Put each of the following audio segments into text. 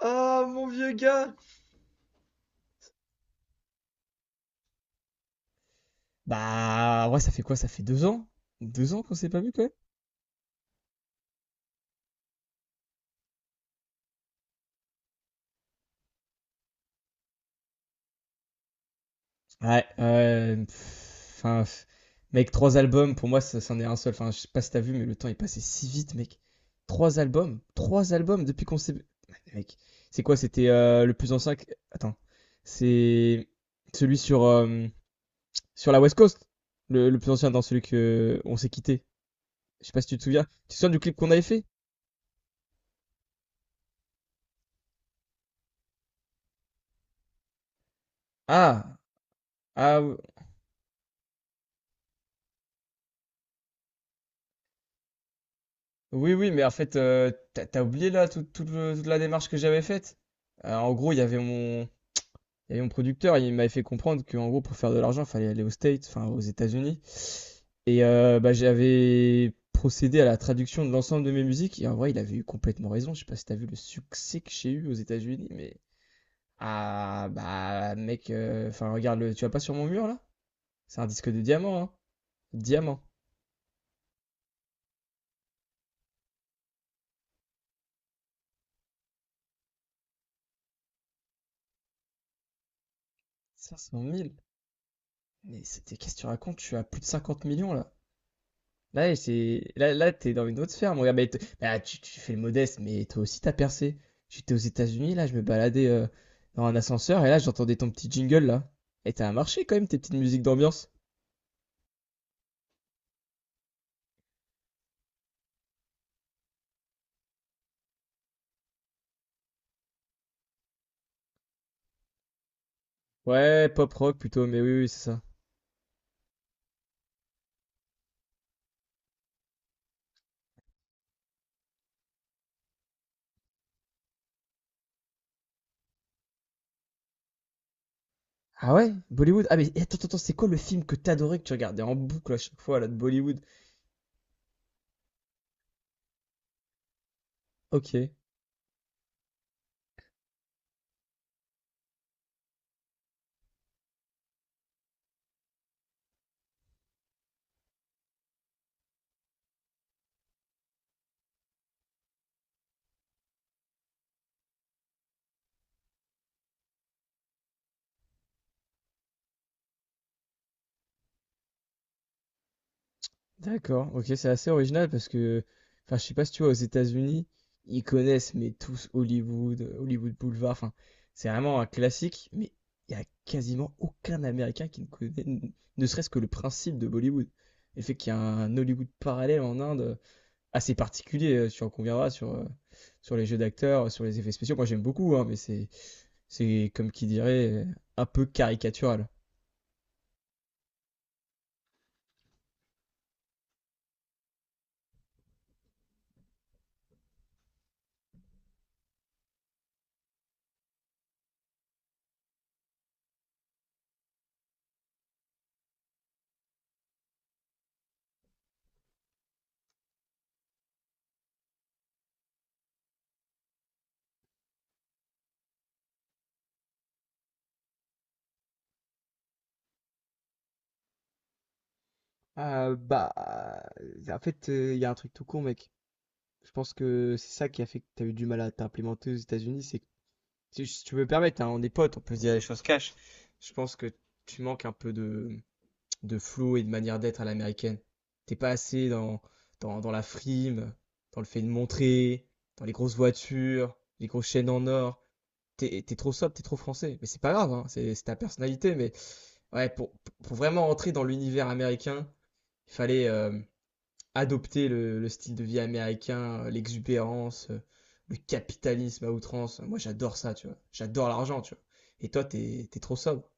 Ah, mon vieux gars! Bah, ouais, ça fait quoi? Ça fait 2 ans? 2 ans qu'on s'est pas vu, quoi? Ouais, enfin, mec, trois albums, pour moi, ça, c'en est un seul. Enfin, je sais pas si t'as vu, mais le temps est passé si vite, mec. Trois albums depuis qu'on s'est. Mec, c'est quoi? C'était le plus ancien. Attends, c'est celui sur, sur la West Coast, le plus ancien, dans celui que on s'est quitté. Je sais pas si tu te souviens. Tu te souviens du clip qu'on avait fait? Ah, ah, oui, oui, mais en fait, t'as oublié là toute la démarche que j'avais faite. En gros, il y avait mon producteur, il m'avait fait comprendre qu'en gros, pour faire de l'argent, il fallait aller aux States, enfin aux États-Unis. Et bah, j'avais procédé à la traduction de l'ensemble de mes musiques. Et en vrai, il avait eu complètement raison. Je sais pas si t'as vu le succès que j'ai eu aux États-Unis, mais ah bah mec, enfin regarde, tu vas pas sur mon mur là? C'est un disque de diamant, hein? Diamant. 500 000. Mais c'était qu'est-ce que tu racontes? Tu as plus de 50 millions là. Là, c'est là, là, t'es dans une autre sphère, mon gars. Mais bah, tu fais le modeste, mais toi aussi t'as percé. J'étais aux États-Unis, là, je me baladais dans un ascenseur et là, j'entendais ton petit jingle là. Et t'as un marché quand même, tes petites musiques d'ambiance. Ouais, pop rock plutôt, mais oui, oui, c'est ça. Ah ouais, Bollywood. Ah mais attends, attends, attends, c'est quoi le film que t'adorais que tu regardais en boucle à chaque fois là de Bollywood? Ok. D'accord, ok, c'est assez original parce que, enfin, je sais pas si tu vois, aux États-Unis, ils connaissent, mais tous Hollywood, Hollywood Boulevard, enfin, c'est vraiment un classique, mais il y a quasiment aucun Américain qui ne connaît, ne serait-ce que le principe de Bollywood. Et le fait qu'il y a un Hollywood parallèle en Inde assez particulier, tu en conviendras, sur, sur les jeux d'acteurs, sur les effets spéciaux. Moi, j'aime beaucoup, hein, mais c'est, c'est comme qui dirait, un peu caricatural. Ah bah, en fait, il y a un truc tout con, mec. Je pense que c'est ça qui a fait que tu as eu du mal à t'implémenter aux États-Unis. C'est que, si tu veux me permettre, hein, on est potes, on peut se dire les choses cash. Je pense que tu manques un peu de flow et de manière d'être à l'américaine. T'es pas assez dans, dans la frime, dans le fait de montrer, dans les grosses voitures, les grosses chaînes en or. T'es trop sobre, t'es trop français. Mais c'est pas grave, hein, c'est ta personnalité. Mais ouais, pour vraiment entrer dans l'univers américain, il fallait, adopter le style de vie américain, l'exubérance, le capitalisme à outrance. Moi, j'adore ça, tu vois. J'adore l'argent, tu vois. Et toi, t'es trop sobre.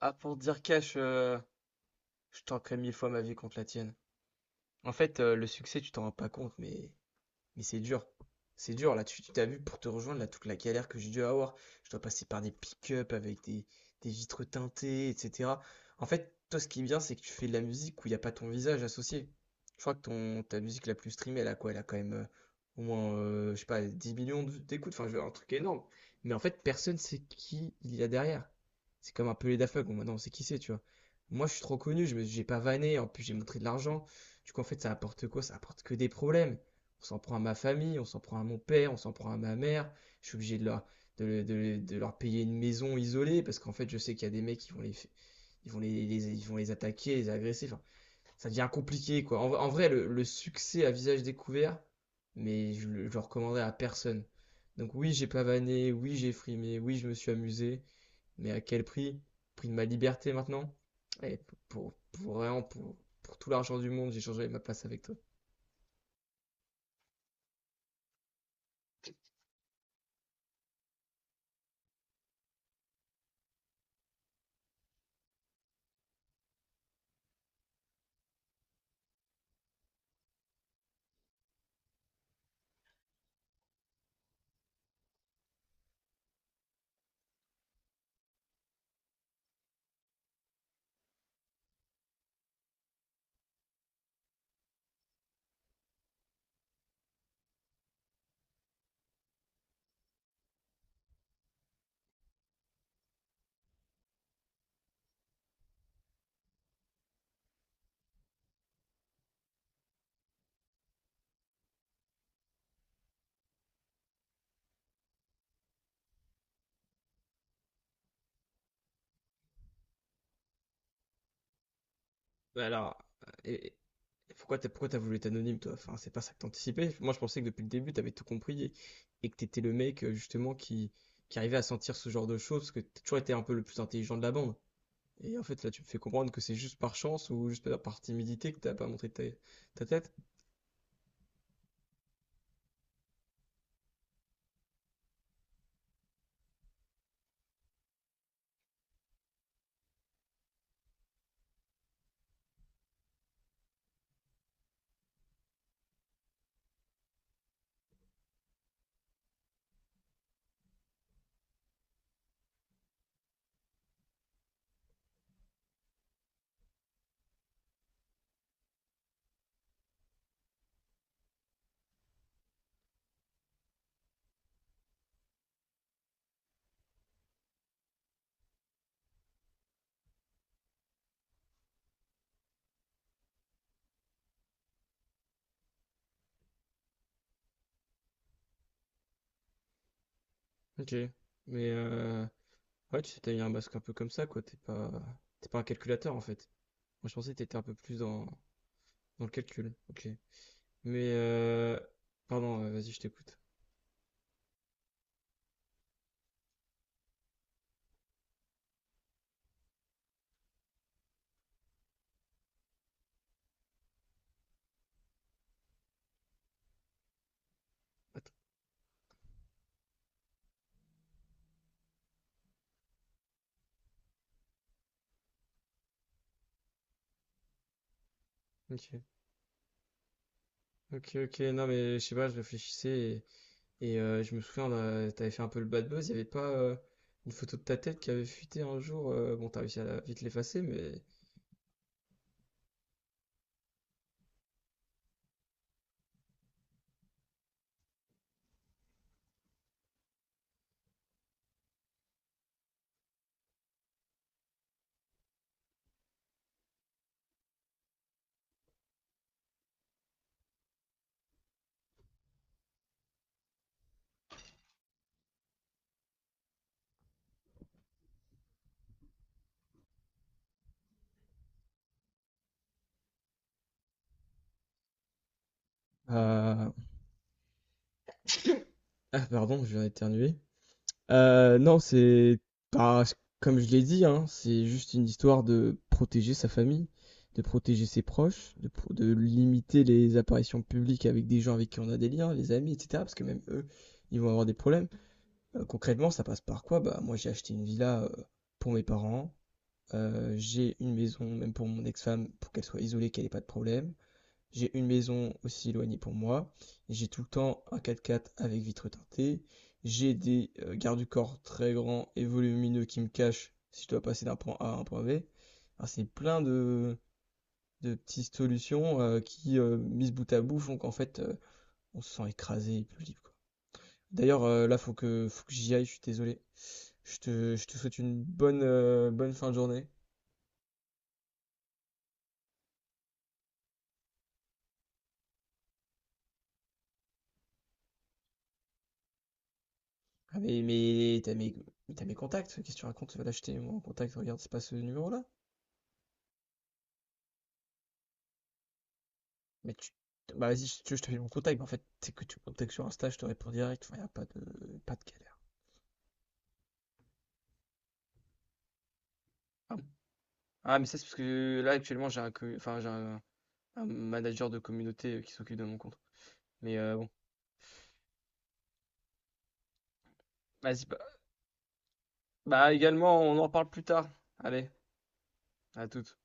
Ah, pour te dire cash, je tanquerais 1000 fois ma vie contre la tienne. En fait, le succès, tu t'en rends pas compte, mais c'est dur. C'est dur, là, tu t'as vu pour te rejoindre, là, toute la galère que j'ai dû avoir. Je dois passer par des pick-up avec des vitres teintées, etc. En fait, toi, ce qui est bien, c'est que tu fais de la musique où il n'y a pas ton visage associé. Je crois que ta musique la plus streamée, elle a quoi? Elle a quand même au moins, je sais pas, 10 millions d'écoutes. Enfin, je veux dire, un truc énorme. Mais en fait, personne sait qui il y a derrière. C'est comme un peu les Daft Punk. Bon, maintenant, on sait qui c'est, tu vois. Moi, je suis trop connu, j'ai pas vanné, en plus, j'ai montré de l'argent. Du coup, en fait, ça apporte quoi? Ça apporte que des problèmes. On s'en prend à ma famille, on s'en prend à mon père, on s'en prend à ma mère. Je suis obligé de leur payer une maison isolée parce qu'en fait, je sais qu'il y a des mecs ils vont les- ils vont les attaquer, les agresser. Enfin, ça devient compliqué, quoi. En vrai, le succès à visage découvert, mais je le recommanderais à personne. Donc oui, j'ai pavané, oui, j'ai frimé, oui, je me suis amusé, mais à quel prix? Prix de ma liberté maintenant? Et pour, pour vraiment, pour, pour tout l'argent du monde, j'ai changé ma place avec toi. Bah alors, et pourquoi t'as voulu être anonyme, toi? Enfin, c'est pas ça que t'anticipais. Moi, je pensais que depuis le début, t'avais tout compris et que t'étais le mec, justement, qui arrivait à sentir ce genre de choses, parce que t'as toujours été un peu le plus intelligent de la bande. Et en fait, là, tu me fais comprendre que c'est juste par chance ou juste par timidité que t'as pas montré ta tête. Ok. Mais, ouais, tu sais, t'as eu un masque un peu comme ça, quoi. T'es pas un calculateur, en fait. Moi, je pensais que t'étais un peu plus dans, dans le calcul. Ok. Mais, pardon, vas-y, je t'écoute. Attends. Ok. Ok, ok, non mais je sais pas, je réfléchissais je me souviens, là, t'avais fait un peu le bad buzz, il y avait pas une photo de ta tête qui avait fuité un jour, bon t'as réussi à vite l'effacer mais... Euh, Ah, pardon, je viens d'éternuer. Non, c'est pas, comme je l'ai dit, hein, c'est juste une histoire de protéger sa famille, de protéger ses proches, de, de limiter les apparitions publiques avec des gens avec qui on a des liens, les amis, etc. Parce que même eux, ils vont avoir des problèmes. Concrètement, ça passe par quoi? Bah, moi, j'ai acheté une villa pour mes parents. J'ai une maison, même pour mon ex-femme, pour qu'elle soit isolée, qu'elle ait pas de problème. J'ai une maison aussi éloignée pour moi. J'ai tout le temps un 4x4 avec vitre teintée. J'ai des gardes du corps très grands et volumineux qui me cachent si je dois passer d'un point A à un point B. Enfin, c'est plein de petites solutions qui, mises bout à bout, font qu'en fait, on se sent écrasé et plus libre. D'ailleurs, là, faut que j'y aille, je suis désolé. Je te souhaite une bonne fin de journée. Ah, mais t'as mes contacts, qu'est-ce que tu racontes? Là, je t'ai mon contact, regarde, c'est pas ce numéro-là. Mais tu, Bah, vas-y, si tu veux, je te fais mon contact, mais en fait, c'est que tu me contactes sur Insta, je te réponds direct, enfin, y a pas de galère. Ah, ah, mais ça, c'est parce que là, actuellement, j'ai un manager de communauté qui s'occupe de mon compte. Mais bon, vas-y, bah, bah également, on en reparle plus tard. Allez, à toutes.